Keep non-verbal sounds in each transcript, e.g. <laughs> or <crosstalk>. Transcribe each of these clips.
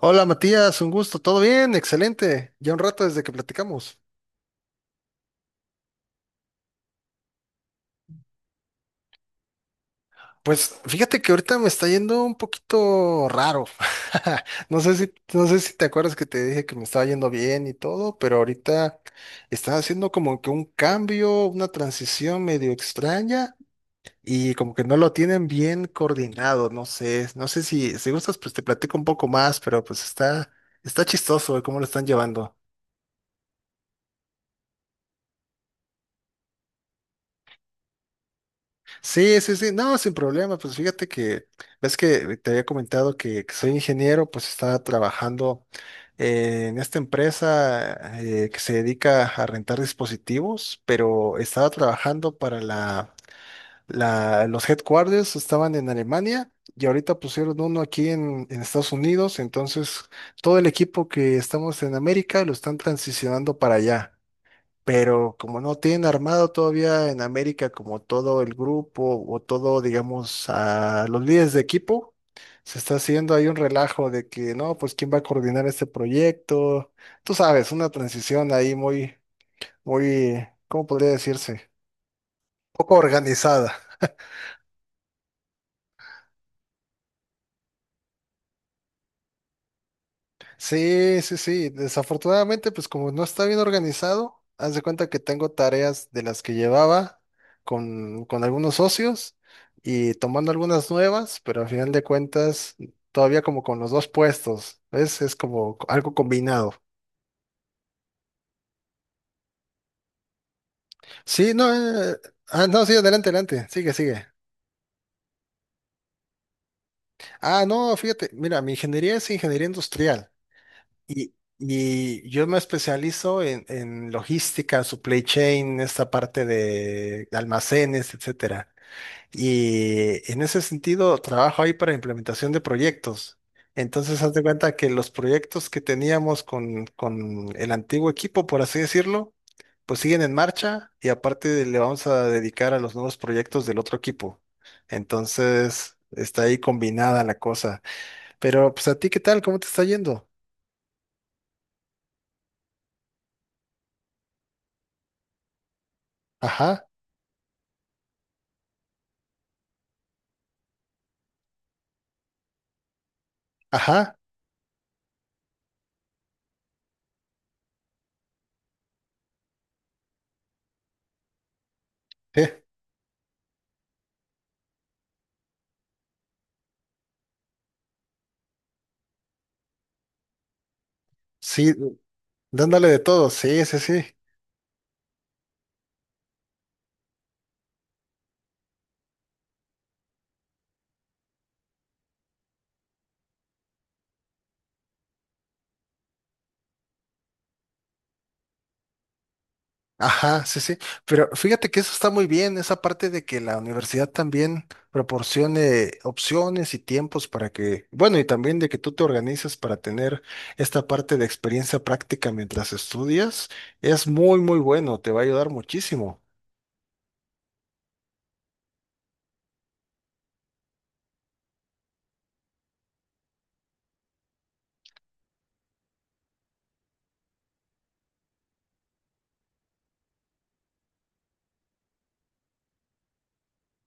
Hola Matías, un gusto, ¿todo bien? Excelente. Ya un rato desde que platicamos. Pues fíjate que ahorita me está yendo un poquito raro. <laughs> No sé si, no sé si te acuerdas que te dije que me estaba yendo bien y todo, pero ahorita está haciendo como que un cambio, una transición medio extraña y como que no lo tienen bien coordinado, no sé, no sé si, si gustas, pues te platico un poco más, está chistoso de cómo lo están llevando. Sí, sí, sí, no, sin problema, ves que te había comentado que soy ingeniero, pues estaba trabajando en esta empresa que se dedica a rentar dispositivos, pero estaba trabajando para los headquarters, estaban en Alemania y ahorita pusieron uno aquí en Estados Unidos, entonces todo el equipo que estamos en América lo están transicionando para allá, pero como no tienen armado todavía en América como todo el grupo o todo, digamos, a los líderes de equipo, se está haciendo ahí un relajo de que, no, pues quién va a coordinar este proyecto. Tú sabes, una transición ahí muy, ¿cómo podría decirse? Poco organizada. Sí, sí, sí. Desafortunadamente, pues como no está bien organizado, haz de cuenta que tengo tareas de las que llevaba con algunos socios y tomando algunas nuevas, pero al final de cuentas, todavía como con los dos puestos, ¿ves? Es como algo combinado. Sí, no, eh, no, sí, adelante, adelante, sigue, sigue. Ah, no, fíjate, mira, mi ingeniería es ingeniería industrial. Y yo me especializo en logística, supply chain, esta parte de almacenes, etcétera. Y en ese sentido, trabajo ahí para implementación de proyectos. Entonces, haz de cuenta que los proyectos que teníamos con el antiguo equipo, por así decirlo, pues siguen en marcha y aparte le vamos a dedicar a los nuevos proyectos del otro equipo. Entonces, está ahí combinada la cosa. Pero, pues, ¿a ti qué tal? ¿Cómo te está yendo? Ajá, ajá. Sí, sí, dándole de todo, sí, sí, sí. Ajá, sí, sí. Pero fíjate que eso está muy bien, esa parte de que la universidad también proporcione opciones y tiempos para que, bueno, y también de que tú te organices para tener esta parte de experiencia práctica mientras estudias, es muy, muy bueno, te va a ayudar muchísimo.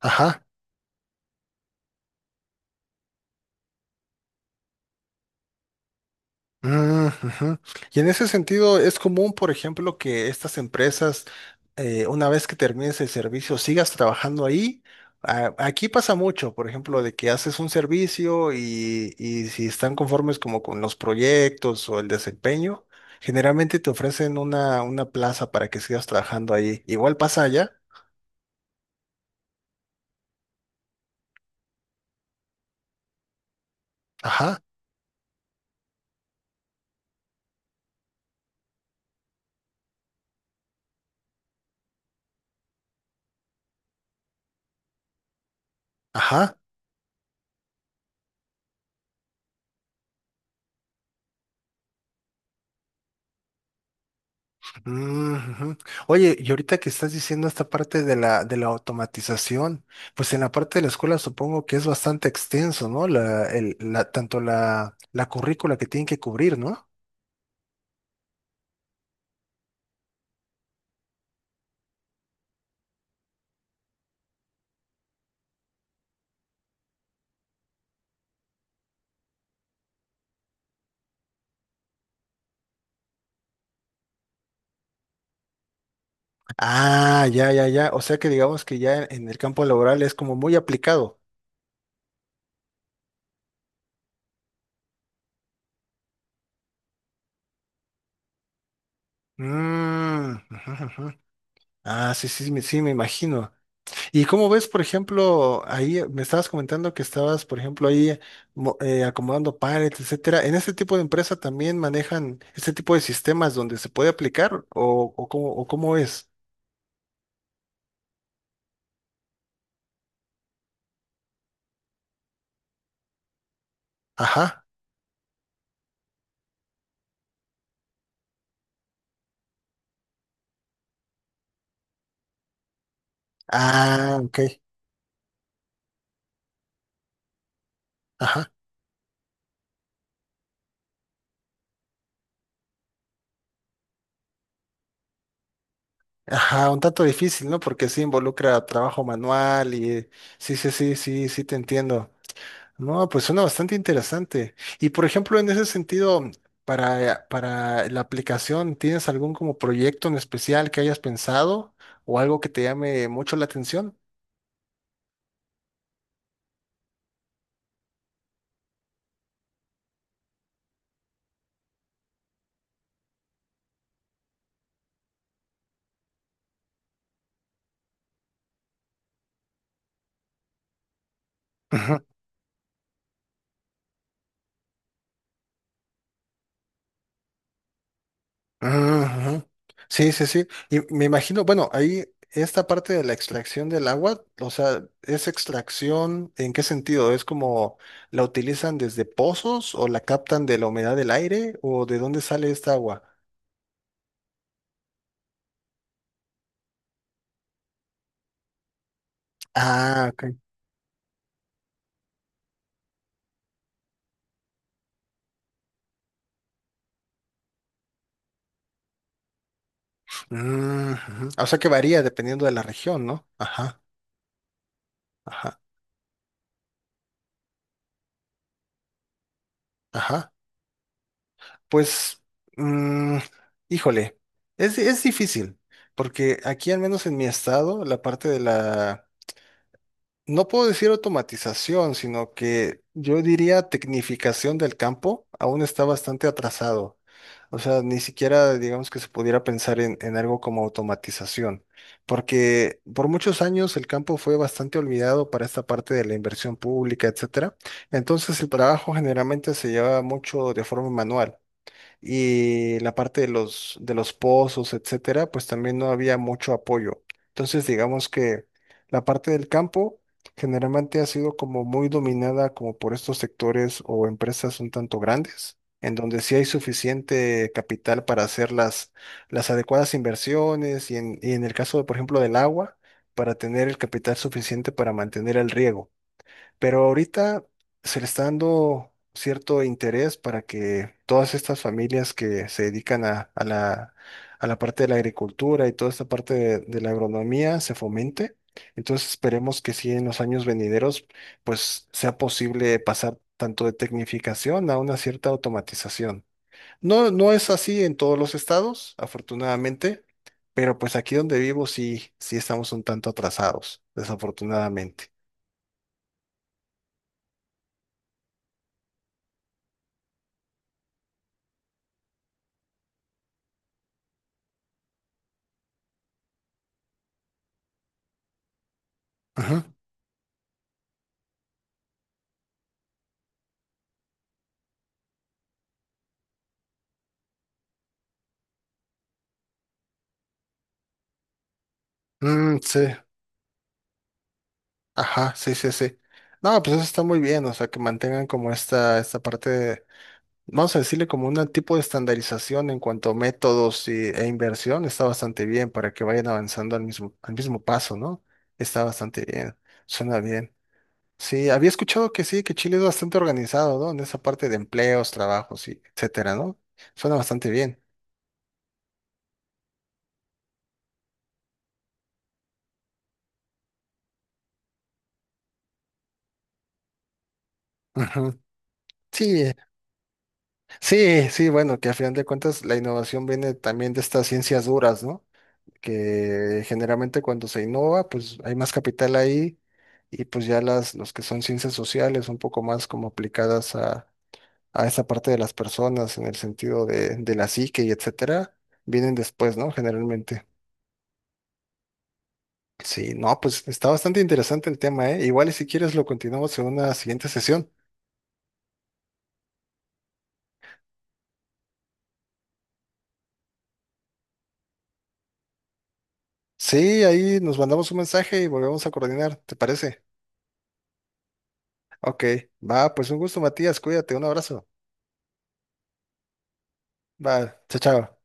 Ajá. Mm, ujú. Y en ese sentido, es común, por ejemplo, que estas empresas, una vez que termines el servicio, sigas trabajando ahí. Aquí pasa mucho, por ejemplo, de que haces un servicio y si están conformes como con los proyectos o el desempeño, generalmente te ofrecen una plaza para que sigas trabajando ahí. Igual pasa allá. Ajá, ajá. Mm, ujú. Oye, y ahorita que estás diciendo esta parte de de la automatización, pues en la parte de la escuela supongo que es bastante extenso, ¿no? Tanto la currícula que tienen que cubrir, ¿no? Ah, ya, ya, ya. O sea que digamos que ya en el campo laboral es como muy aplicado. Mm, ujú, ujú. Ah, sí, sí, sí, me imagino. Y cómo ves, por ejemplo, ahí me estabas comentando que estabas, por ejemplo, ahí acomodando pallets, etcétera. ¿En este tipo de empresa también manejan este tipo de sistemas donde se puede aplicar o cómo es? Ajá. Ah, ok. Ajá. Ajá, un tanto difícil, ¿no? Porque sí involucra trabajo manual y sí, sí, sí, sí, sí te entiendo. No, pues suena bastante interesante. Y por ejemplo, en ese sentido, para la aplicación, ¿tienes algún como proyecto en especial que hayas pensado o algo que te llame mucho la atención? Ujú, ujú. Sí, sí, sí. Y me imagino, bueno, ahí esta parte de la extracción del agua, o sea, ¿es extracción en qué sentido? ¿Es como la utilizan desde pozos o la captan de la humedad del aire o de dónde sale esta agua? Ah, ok. Mm, ujú. O sea que varía dependiendo de la región, ¿no? Ajá, ajá, ajá. Pues, mm, híjole, es difícil, porque aquí al menos en mi estado, la parte de la... No puedo decir automatización, sino que yo diría tecnificación del campo aún está bastante atrasado. O sea, ni siquiera digamos que se pudiera pensar en algo como automatización, porque por muchos años el campo fue bastante olvidado para esta parte de la inversión pública, etcétera. Entonces el trabajo generalmente se lleva mucho de forma manual y la parte de de los pozos, etcétera, pues también no había mucho apoyo. Entonces, digamos que la parte del campo generalmente ha sido como muy dominada como por estos sectores o empresas un tanto grandes, en donde sí hay suficiente capital para hacer las adecuadas inversiones y en el caso, por ejemplo, del agua, para tener el capital suficiente para mantener el riego. Pero ahorita se le está dando cierto interés para que todas estas familias que se dedican a la parte de la agricultura y toda esta parte de la agronomía se fomente. Entonces esperemos que sí en los años venideros pues sea posible pasar tanto de tecnificación a una cierta automatización. No, no es así en todos los estados, afortunadamente, pero pues aquí donde vivo sí, sí estamos un tanto atrasados, desafortunadamente. Ajá. Mm, sí. Ajá, sí, sí, sí. No, pues eso está muy bien, o sea, que mantengan como esta parte de, vamos a decirle como un tipo de estandarización en cuanto a métodos e inversión, está bastante bien para que vayan avanzando al mismo paso, ¿no? Está bastante bien, suena bien. Sí, había escuchado que sí, que Chile es bastante organizado, ¿no? En esa parte de empleos, trabajos y etcétera, ¿no? Suena bastante bien. <laughs> Ujú. Sí, sí, sí, bueno, que a final de cuentas la innovación viene también de estas ciencias duras, ¿no? Que generalmente cuando se innova, pues hay más capital ahí y pues ya las, los que son ciencias sociales, un poco más como aplicadas a esa parte de las personas en el sentido de la psique y etcétera, vienen después, ¿no? Generalmente. Sí, no, pues está bastante interesante el tema, ¿eh? Igual y si quieres lo continuamos en una siguiente sesión. Sí, ahí nos mandamos un mensaje y volvemos a coordinar, ¿te parece? Ok, va, pues un gusto, Matías, cuídate, un abrazo. Va, chao, chao.